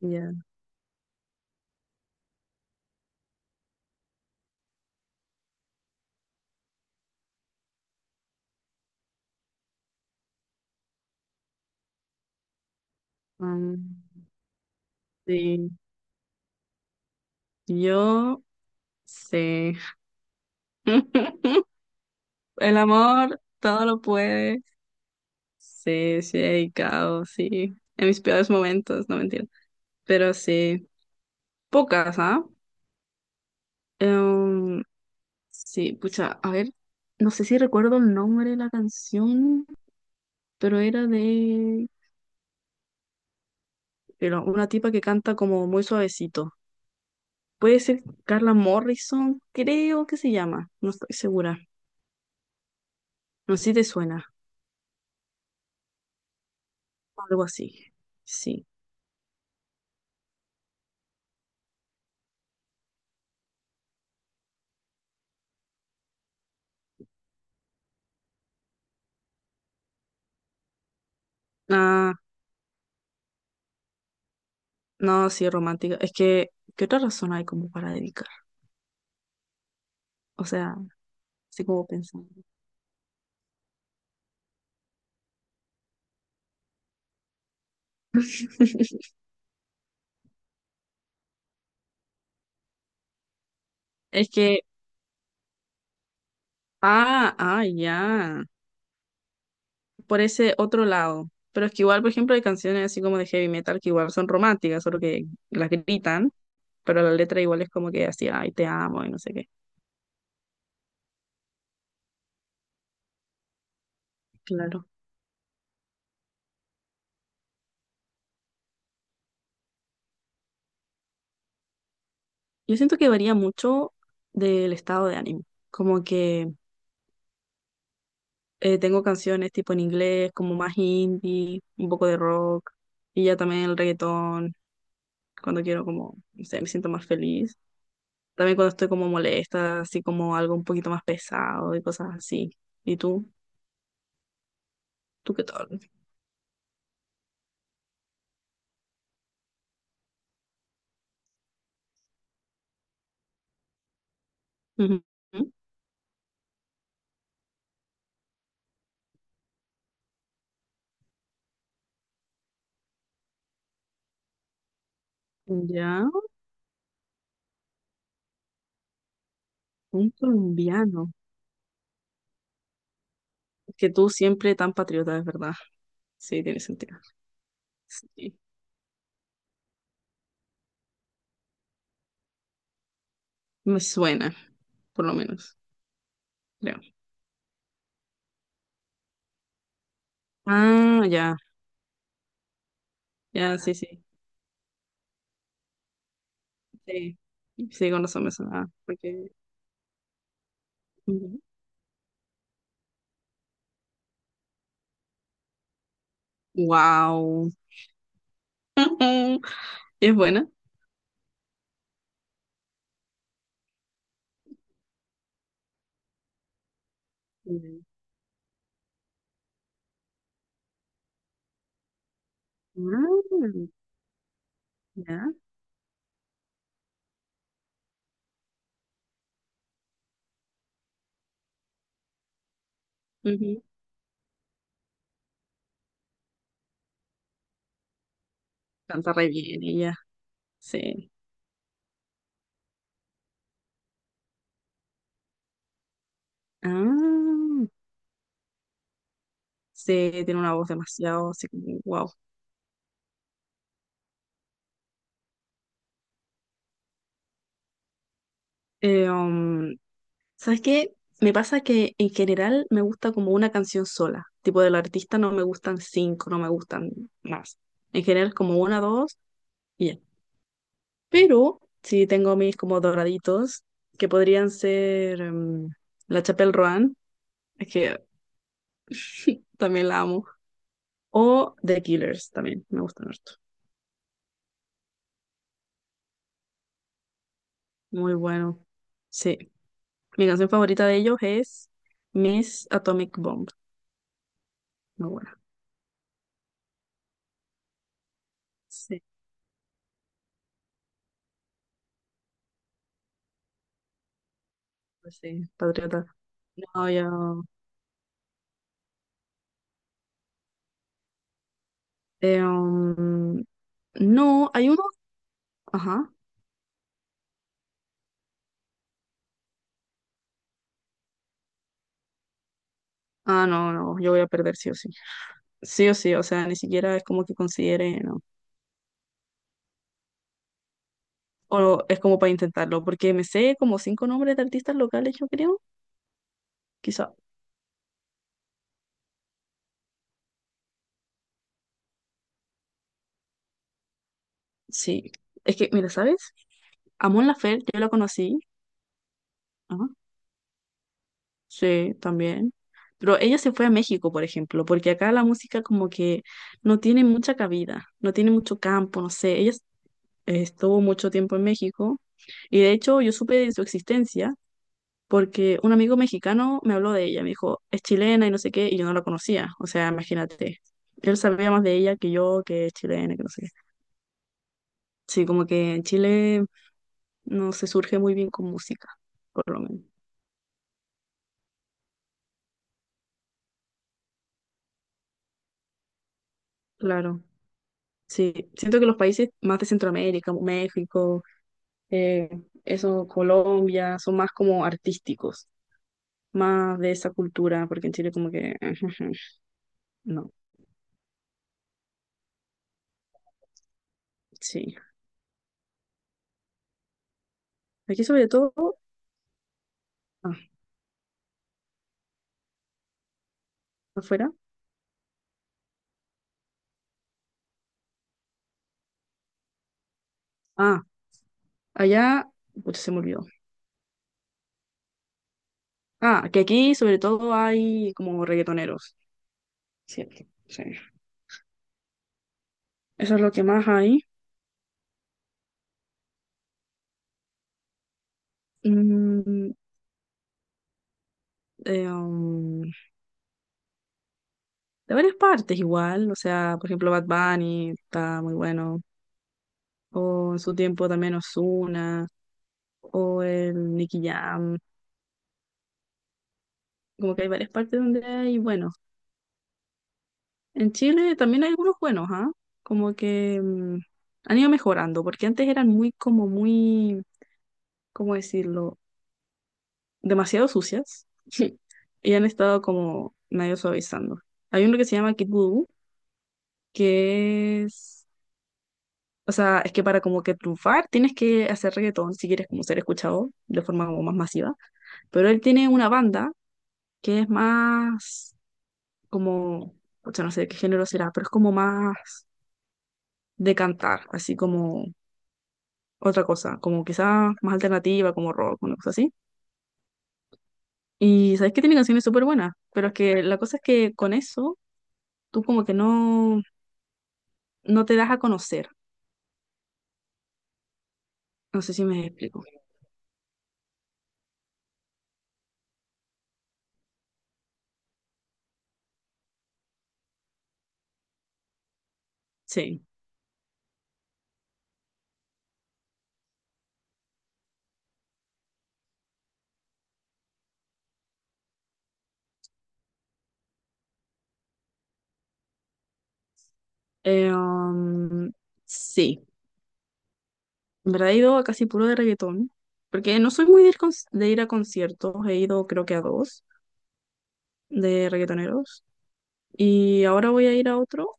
Ya, mm, sí, yo sé. El amor todo lo puede. Sí, sí, he dedicado, sí. En mis peores momentos, no mentira. Pero sí, pocas, ¿ah? Em, sí, pucha, a ver, no sé si recuerdo el nombre de la canción, pero era de era una tipa que canta como muy suavecito. Puede ser Carla Morrison, creo que se llama, no estoy segura. No sé si te suena, algo así. Sí. Ah, no, sí, romántica. Es que, ¿qué otra razón hay como para dedicar? O sea, así como pensando. Es que, ah, ya, por ese otro lado. Pero es que igual, por ejemplo, hay canciones así como de heavy metal que igual son románticas, solo que las gritan, pero la letra igual es como que así, ay, te amo y no sé qué. Claro. Yo siento que varía mucho del estado de ánimo. Como que tengo canciones tipo en inglés, como más indie, un poco de rock, y ya también el reggaetón. Cuando quiero como, no sé, me siento más feliz. También cuando estoy como molesta, así como algo un poquito más pesado y cosas así. ¿Y tú? ¿Tú qué tal? Ujú. Ya, un colombiano. Es que tú siempre tan patriota, es verdad. Sí, tiene sentido. Sí. Me suena, por lo menos, creo. Ah, ya, ya, sí, sí. Sí, sí, con razón me sonaba. Porque… Wow. Es buena. Mm. Ah, ya. Ujú. Canta re bien ella, sí. Ah, sí, tiene una voz demasiado así como, wow. Eh, um, ¿Sabes qué? Me pasa que en general me gusta como una canción sola. Tipo del artista no me gustan cinco, no me gustan más. En general como una, dos y ya. Pero sí tengo mis como doraditos que podrían ser La Chapelle Roan, es que también la amo. O The Killers también, me gustan harto. Muy bueno. Sí. Mi canción favorita de ellos es Miss Atomic Bomb. Muy buena. Sí, pues sí. Patriota. No, yo. Eh, um, no, hay uno. Ajá. Ah, no, no, yo voy a perder sí o sí. Sí o sí, o sea, ni siquiera es como que considere, no. O es como para intentarlo, porque me sé como cinco nombres de artistas locales, yo creo. Quizá. Sí. Es que, mira, ¿sabes? Amon Laferte, yo la conocí. Sí, también. Pero ella se fue a México, por ejemplo, porque acá la música como que no tiene mucha cabida, no tiene mucho campo, no sé. Ella estuvo mucho tiempo en México y de hecho yo supe de su existencia porque un amigo mexicano me habló de ella, me dijo, es chilena y no sé qué, y yo no la conocía. O sea, imagínate, él sabía más de ella que yo, que es chilena, que no sé qué. Sí, como que en Chile no se surge muy bien con música, por lo menos. Claro. Sí, siento que los países más de Centroamérica, como México, eh, eso Colombia, son más como artísticos, más de esa cultura, porque en Chile como que no, sí. Aquí sobre todo, ah, afuera, ah, allá, pucha, se me olvidó. Ah, que aquí sobre todo hay como reggaetoneros, cierto, sí. Eso es lo que más hay. Mm, eh, um, de varias partes igual, o sea, por ejemplo Bad Bunny está muy bueno, o en su tiempo también Ozuna, o el Nicky Jam, como que hay varias partes donde hay buenos. En Chile también hay algunos buenos, ¿ah? Como que han ido mejorando, porque antes eran muy, como muy, ¿cómo decirlo? Demasiado sucias. Y han estado como medio suavizando. Hay uno que se llama Kid Voodoo, que es, o sea, es que para como que triunfar tienes que hacer reggaetón si quieres como ser escuchado de forma como más masiva. Pero él tiene una banda que es más como, o sea, no sé de qué género será, pero es como más de cantar, así como otra cosa, como quizás más alternativa, como rock, una cosa así. Y sabes que tiene canciones súper buenas, pero es que la cosa es que con eso tú como que no, no te das a conocer. No sé si me explico. Sí. Eh, um, sí, en verdad he ido a casi puro de reggaetón, porque no soy muy de ir, de ir a conciertos, he ido creo que a dos de reggaetoneros. Y ahora voy a ir a otro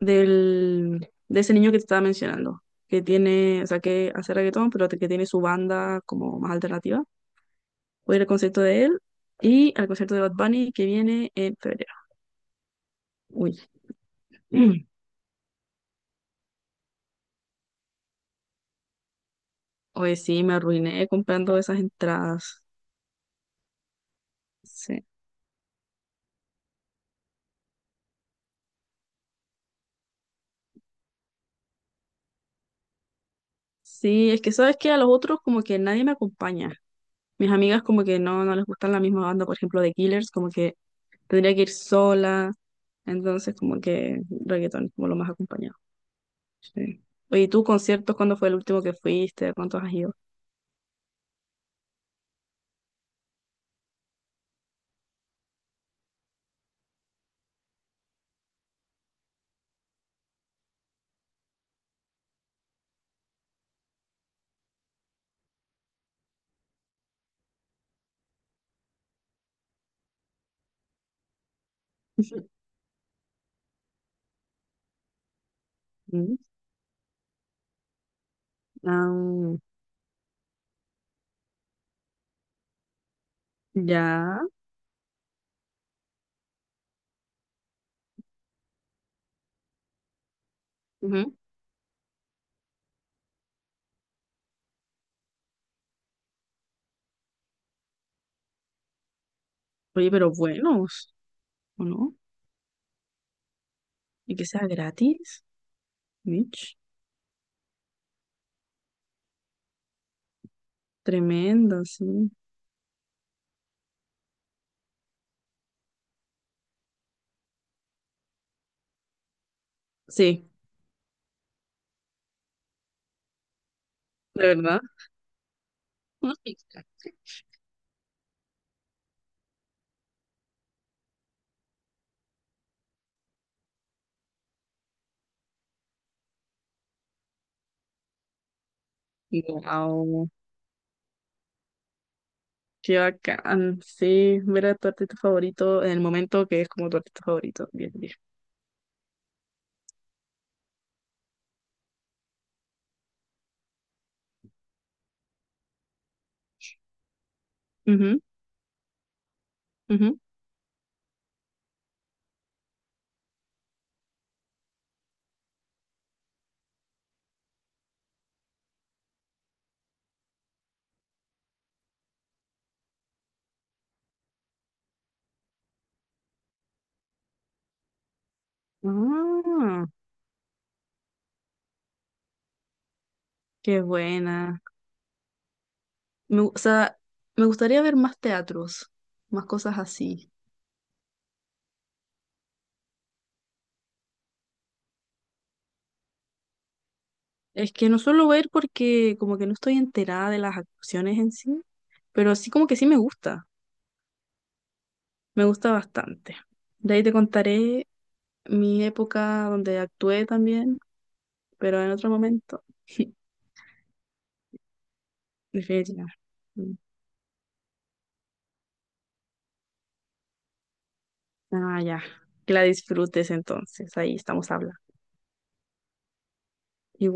de ese niño que te estaba mencionando, que tiene, o sea, que hace reggaetón, pero que tiene su banda como más alternativa. Voy a ir al concierto de él y al concierto de Bad Bunny que viene en febrero. Uy, hoy sí, me arruiné comprando esas entradas. Sí. Sí, es que sabes que a los otros como que nadie me acompaña. Mis amigas como que no, no les gustan la misma banda, por ejemplo, de Killers, como que tendría que ir sola. Entonces como que reggaetón es como lo más acompañado. Sí. Oye, ¿y tú conciertos cuándo fue el último que fuiste? ¿Cuántos has ido? Mm, ah, ya. Ujú. Oye, pero buenos, ¿o no? Y que sea gratis. Mitch. Tremendo, sí. Sí, de verdad. Wow. Qué bacán. Sí, ver a tu artista favorito en el momento que es como tu artista favorito. Bien, bien. Ujú, ujú. Ah, qué buena. O sea, me gustaría ver más teatros, más cosas así. Es que no suelo ver porque como que no estoy enterada de las actuaciones en sí, pero sí como que sí me gusta bastante. De ahí te contaré mi época donde actué también, pero en otro momento. Definitivamente. Ah, ya. Que la disfrutes entonces, ahí estamos hablando. Igual.